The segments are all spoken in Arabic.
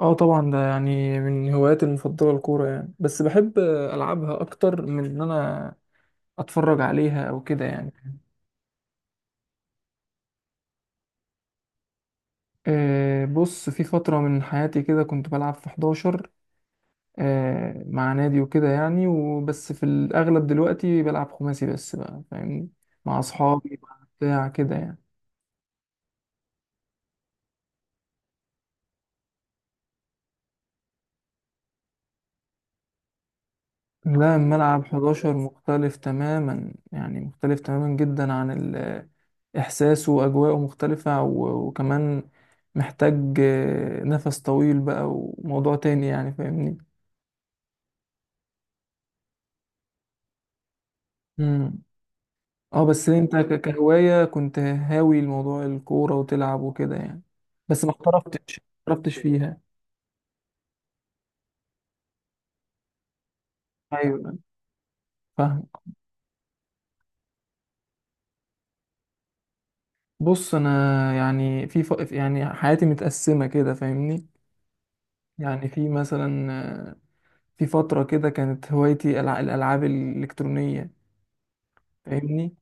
اه طبعا ده يعني من هواياتي المفضلة الكورة، يعني بس بحب ألعبها أكتر من إن أنا أتفرج عليها أو كده يعني. بص، في فترة من حياتي كده كنت بلعب في 11، مع نادي وكده يعني. وبس في الأغلب دلوقتي بلعب خماسي بس بقى، فاهمني، مع أصحابي مع بتاع كده يعني. لا، الملعب 11 مختلف تماما، يعني مختلف تماما جدا عن إحساس وأجواءه مختلفة، وكمان محتاج نفس طويل بقى وموضوع تاني يعني، فاهمني. مم. اه بس انت كهواية كنت هاوي الموضوع الكورة وتلعب وكده يعني. بس ما احترفتش، ما احترفتش فيها. ايوه، فاهم. بص انا يعني يعني حياتي متقسمة كده، فاهمني. يعني في مثلا آه، في فترة كده كانت هوايتي الالعاب الالكترونية، فاهمني.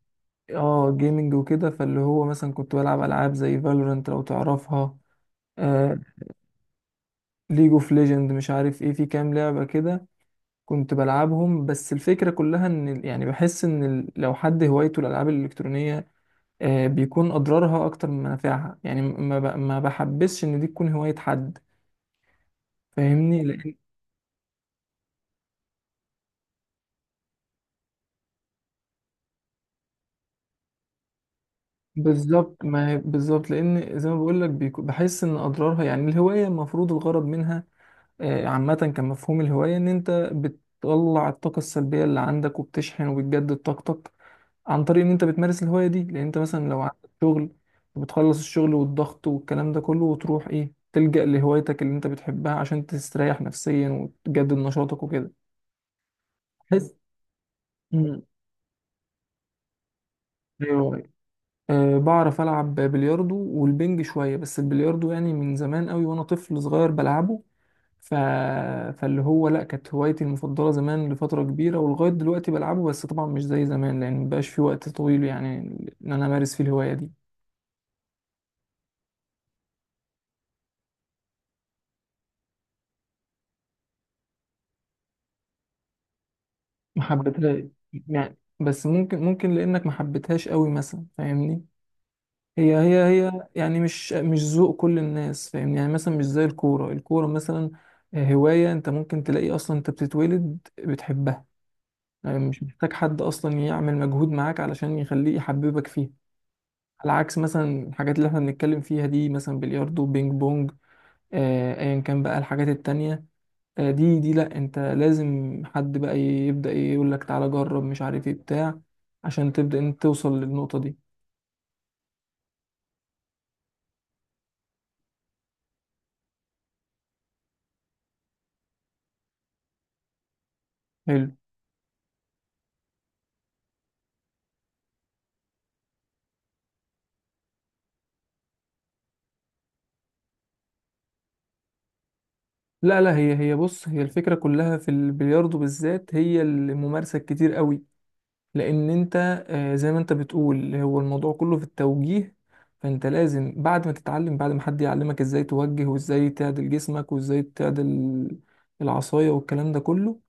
اه، جيمنج وكده، فاللي هو مثلا كنت بلعب العاب زي فالورانت لو تعرفها. آه، ليج اوف ليجند، مش عارف ايه، في كام لعبه كده كنت بلعبهم. بس الفكره كلها ان يعني بحس ان لو حد هوايته الالعاب الالكترونيه بيكون اضرارها اكتر من منافعها، يعني ما بحبسش ان دي تكون هوايه حد، فاهمني، لان بالظبط لان زي ما بقول لك بحس ان اضرارها، يعني الهوايه المفروض الغرض منها عامة كان مفهوم الهواية إن أنت بتطلع الطاقة السلبية اللي عندك وبتشحن وبتجدد طاقتك عن طريق إن أنت بتمارس الهواية دي. لأن أنت مثلا لو عندك شغل بتخلص الشغل والضغط والكلام ده كله وتروح إيه تلجأ لهوايتك اللي أنت بتحبها عشان تستريح نفسيا وتجدد نشاطك وكده. بحس. مم. أيوه. أه، بعرف ألعب بلياردو والبنج شوية، بس البلياردو يعني من زمان قوي وأنا طفل صغير بلعبه. ف... فاللي هو لا، كانت هوايتي المفضلة زمان لفترة كبيرة، ولغاية دلوقتي بلعبه. بس طبعا مش زي زمان لأن مبقاش في وقت طويل يعني إن أنا أمارس فيه الهواية دي. ما حبيتها يعني، بس ممكن لأنك ما حبيتهاش قوي مثلا، فاهمني. هي يعني مش ذوق كل الناس، فاهمني. يعني مثلا مش زي الكورة، الكورة مثلا هواية أنت ممكن تلاقي أصلا أنت بتتولد بتحبها. يعني مش محتاج حد أصلا يعمل مجهود معاك علشان يخليه يحببك فيها. على عكس مثلا الحاجات اللي احنا بنتكلم فيها دي، مثلا بلياردو، بينج بونج، ايا كان بقى الحاجات التانية. دي لا، انت لازم حد بقى يبدأ يقول لك تعالى جرب، مش عارف ايه، بتاع، عشان تبدأ انت توصل للنقطة دي. حلو. لا لا، هي بص، هي الفكرة كلها في البلياردو بالذات هي الممارسة الكتير قوي لان انت زي ما انت بتقول هو الموضوع كله في التوجيه. فانت لازم بعد ما تتعلم، بعد ما حد يعلمك ازاي توجه وازاي تعدل جسمك وازاي تعدل العصاية والكلام ده كله،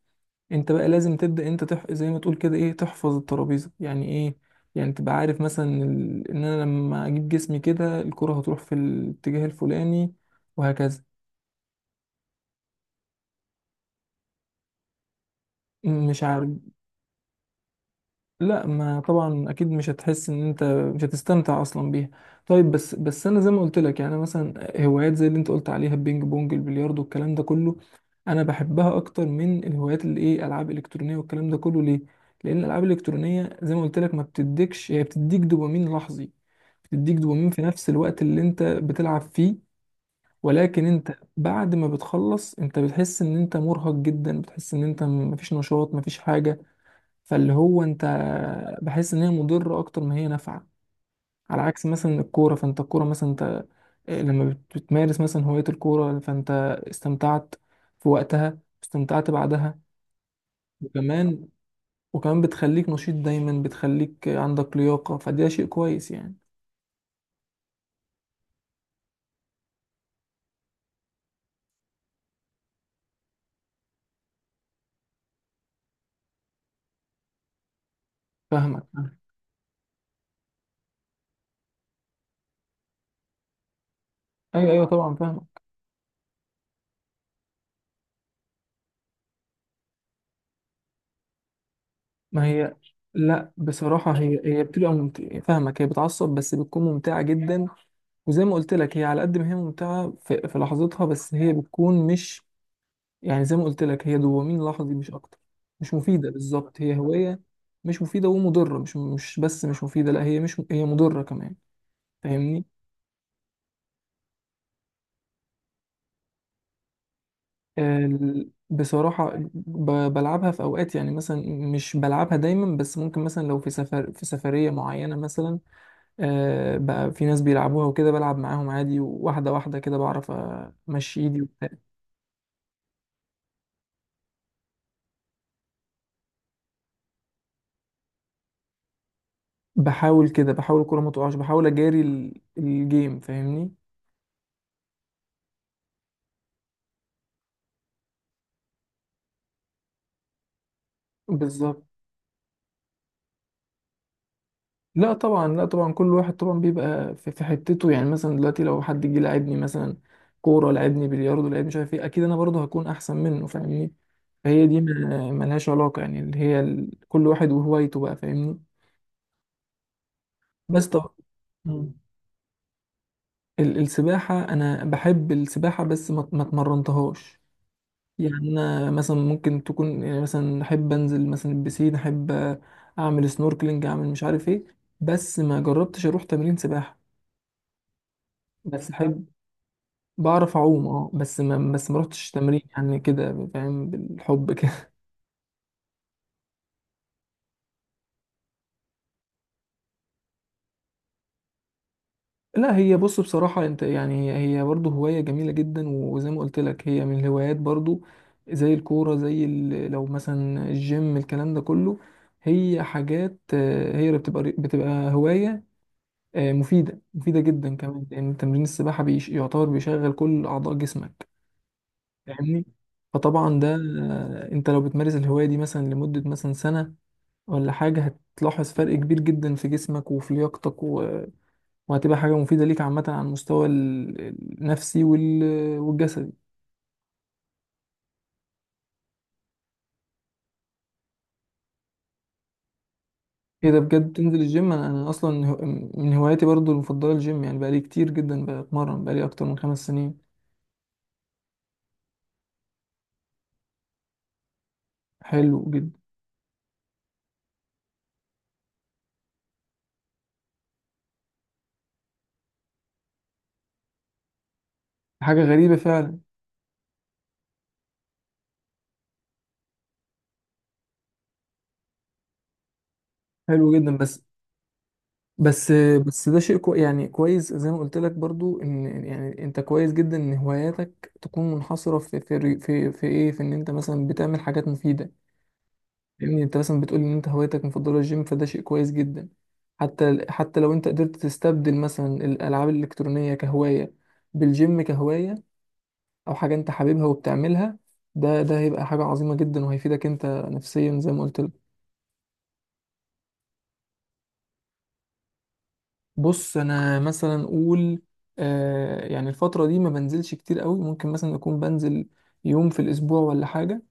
انت بقى لازم تبدأ انت زي ما تقول كده ايه، تحفظ الترابيزة، يعني ايه، يعني تبقى عارف مثلا ان انا لما اجيب جسمي كده الكرة هتروح في الاتجاه الفلاني، وهكذا. مش عارف. لا، ما طبعا اكيد مش هتحس ان انت مش هتستمتع اصلا بيها. طيب، بس انا زي ما قلت لك يعني مثلا هوايات زي اللي انت قلت عليها، البينج بونج، البلياردو، الكلام ده كله، انا بحبها اكتر من الهوايات اللي ايه العاب الكترونيه والكلام ده كله. ليه؟ لان الالعاب الالكترونيه زي ما قلت لك ما بتديكش، هي بتديك دوبامين لحظي، بتديك دوبامين في نفس الوقت اللي انت بتلعب فيه. ولكن انت بعد ما بتخلص انت بتحس ان انت مرهق جدا، بتحس ان انت مفيش نشاط مفيش حاجه. فاللي هو انت بحس ان هي مضره اكتر ما هي نافعه. على عكس مثلا الكوره، فانت الكوره مثلا انت لما بتمارس مثلا هوايه الكوره، فانت استمتعت في وقتها، استمتعت بعدها. وكمان وكمان بتخليك نشيط دايما، بتخليك عندك لياقه، فده شيء كويس يعني. فاهمك. ايوه طبعا، فاهمك. ما هي لا، بصراحة هي بتبقى ممتعة، فاهمك، هي بتعصب بس بتكون ممتعة جدا. وزي ما قلت لك هي على قد ما هي ممتعة في لحظتها، بس هي بتكون مش، يعني زي ما قلت لك هي دوبامين لحظي مش اكتر. مش مفيده بالظبط، هي هوايه مش مفيده ومضره، مش بس مش مفيده، لا هي مش هي مضره كمان، فاهمني. بصراحه بلعبها في اوقات يعني مثلا، مش بلعبها دايما، بس ممكن مثلا لو في سفر، في سفريه معينه مثلا بقى في ناس بيلعبوها وكده بلعب معاهم عادي، واحده واحده كده بعرف امشي ايدي وبتاع. بحاول كده، بحاول الكوره ما تقعش، بحاول اجاري الجيم، فاهمني. بالظبط. لا طبعا، لا طبعا كل واحد طبعا بيبقى في حتته يعني. مثلا دلوقتي لو حد جه لعبني مثلا كوره، لعبني بلياردو، لعبني مش عارف ايه، اكيد انا برضه هكون احسن منه، فاهمني. فهي دي ملهاش علاقه، يعني اللي هي كل واحد وهوايته بقى، فاهمني. بس طبعا. مم. السباحة أنا بحب السباحة، بس ما اتمرنتهاش يعني. أنا مثلا ممكن تكون، يعني مثلا أحب أنزل مثلا البسين، أحب أعمل سنوركلينج، أعمل مش عارف إيه. بس ما جربتش أروح تمرين سباحة. بس أحب. بعرف اعوم، اه، بس ما رحتش تمرين يعني، كده فاهم، بالحب كده. لا، هي بص بصراحة انت يعني هي برضه هواية جميلة جدا. وزي ما قلت لك هي من الهوايات برضه زي الكورة، زي لو مثلا الجيم، الكلام ده كله، هي حاجات هي اللي بتبقى هواية مفيدة، مفيدة جدا كمان لأن تمرين السباحة بيش يعتبر بيشغل كل أعضاء جسمك، فاهمني. فطبعا ده انت لو بتمارس الهواية دي مثلا لمدة مثلا سنة ولا حاجة هتلاحظ فرق كبير جدا في جسمك وفي لياقتك وهتبقى حاجة مفيدة ليك عامة على المستوى النفسي والجسدي. ايه ده، بجد تنزل الجيم؟ أنا من هواياتي برضو المفضلة الجيم، يعني بقالي كتير جدا بتمرن بقالي اكتر من 5 سنين. حلو جدا. حاجة غريبة فعلا. حلو جدا. بس بس ده شيء يعني كويس، زي ما قلت لك برضو ان يعني انت كويس جدا ان هواياتك تكون منحصرة في ايه، في ان انت مثلا بتعمل حاجات مفيدة. لان انت مثلا بتقول ان انت هوايتك المفضله الجيم، فده شيء كويس جدا. حتى لو انت قدرت تستبدل مثلا الالعاب الالكترونيه كهوايه بالجيم كهوايه، او حاجه انت حاببها وبتعملها، ده هيبقى حاجه عظيمه جدا وهيفيدك انت نفسيا زي ما قلت لك. بص انا مثلا اقول آه، يعني الفتره دي ما بنزلش كتير قوي. ممكن مثلا اكون بنزل يوم في الاسبوع ولا حاجه.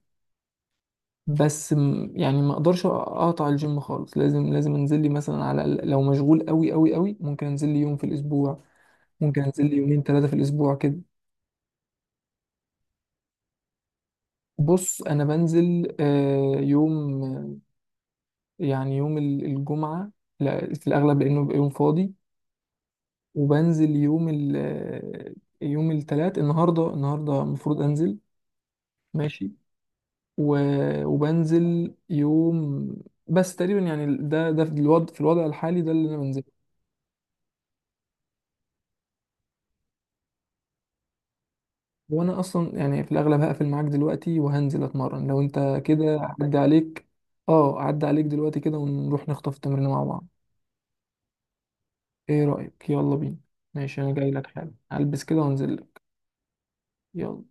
بس يعني ما اقدرش اقطع الجيم خالص، لازم انزل لي مثلا على الأقل، لو مشغول قوي قوي ممكن انزل لي يوم في الاسبوع. ممكن انزل لي يومين ثلاثة في الاسبوع كده. بص انا بنزل يوم، يعني يوم الجمعة، لا في الاغلب لانه بيبقى يوم فاضي. وبنزل يوم ال آه، يوم الثلاث، النهارده المفروض انزل. ماشي. وبنزل يوم. بس تقريبا يعني ده في الوضع، في الوضع الحالي ده اللي انا بنزله. وانا اصلا يعني في الاغلب هقفل معاك دلوقتي وهنزل اتمرن لو انت كده عدى عليك. اه، عدى عليك دلوقتي كده، ونروح نخطف تمرين مع بعض. ايه رأيك، يلا بينا؟ ماشي، انا جاي لك حالا، هلبس كده وانزل لك. يلا.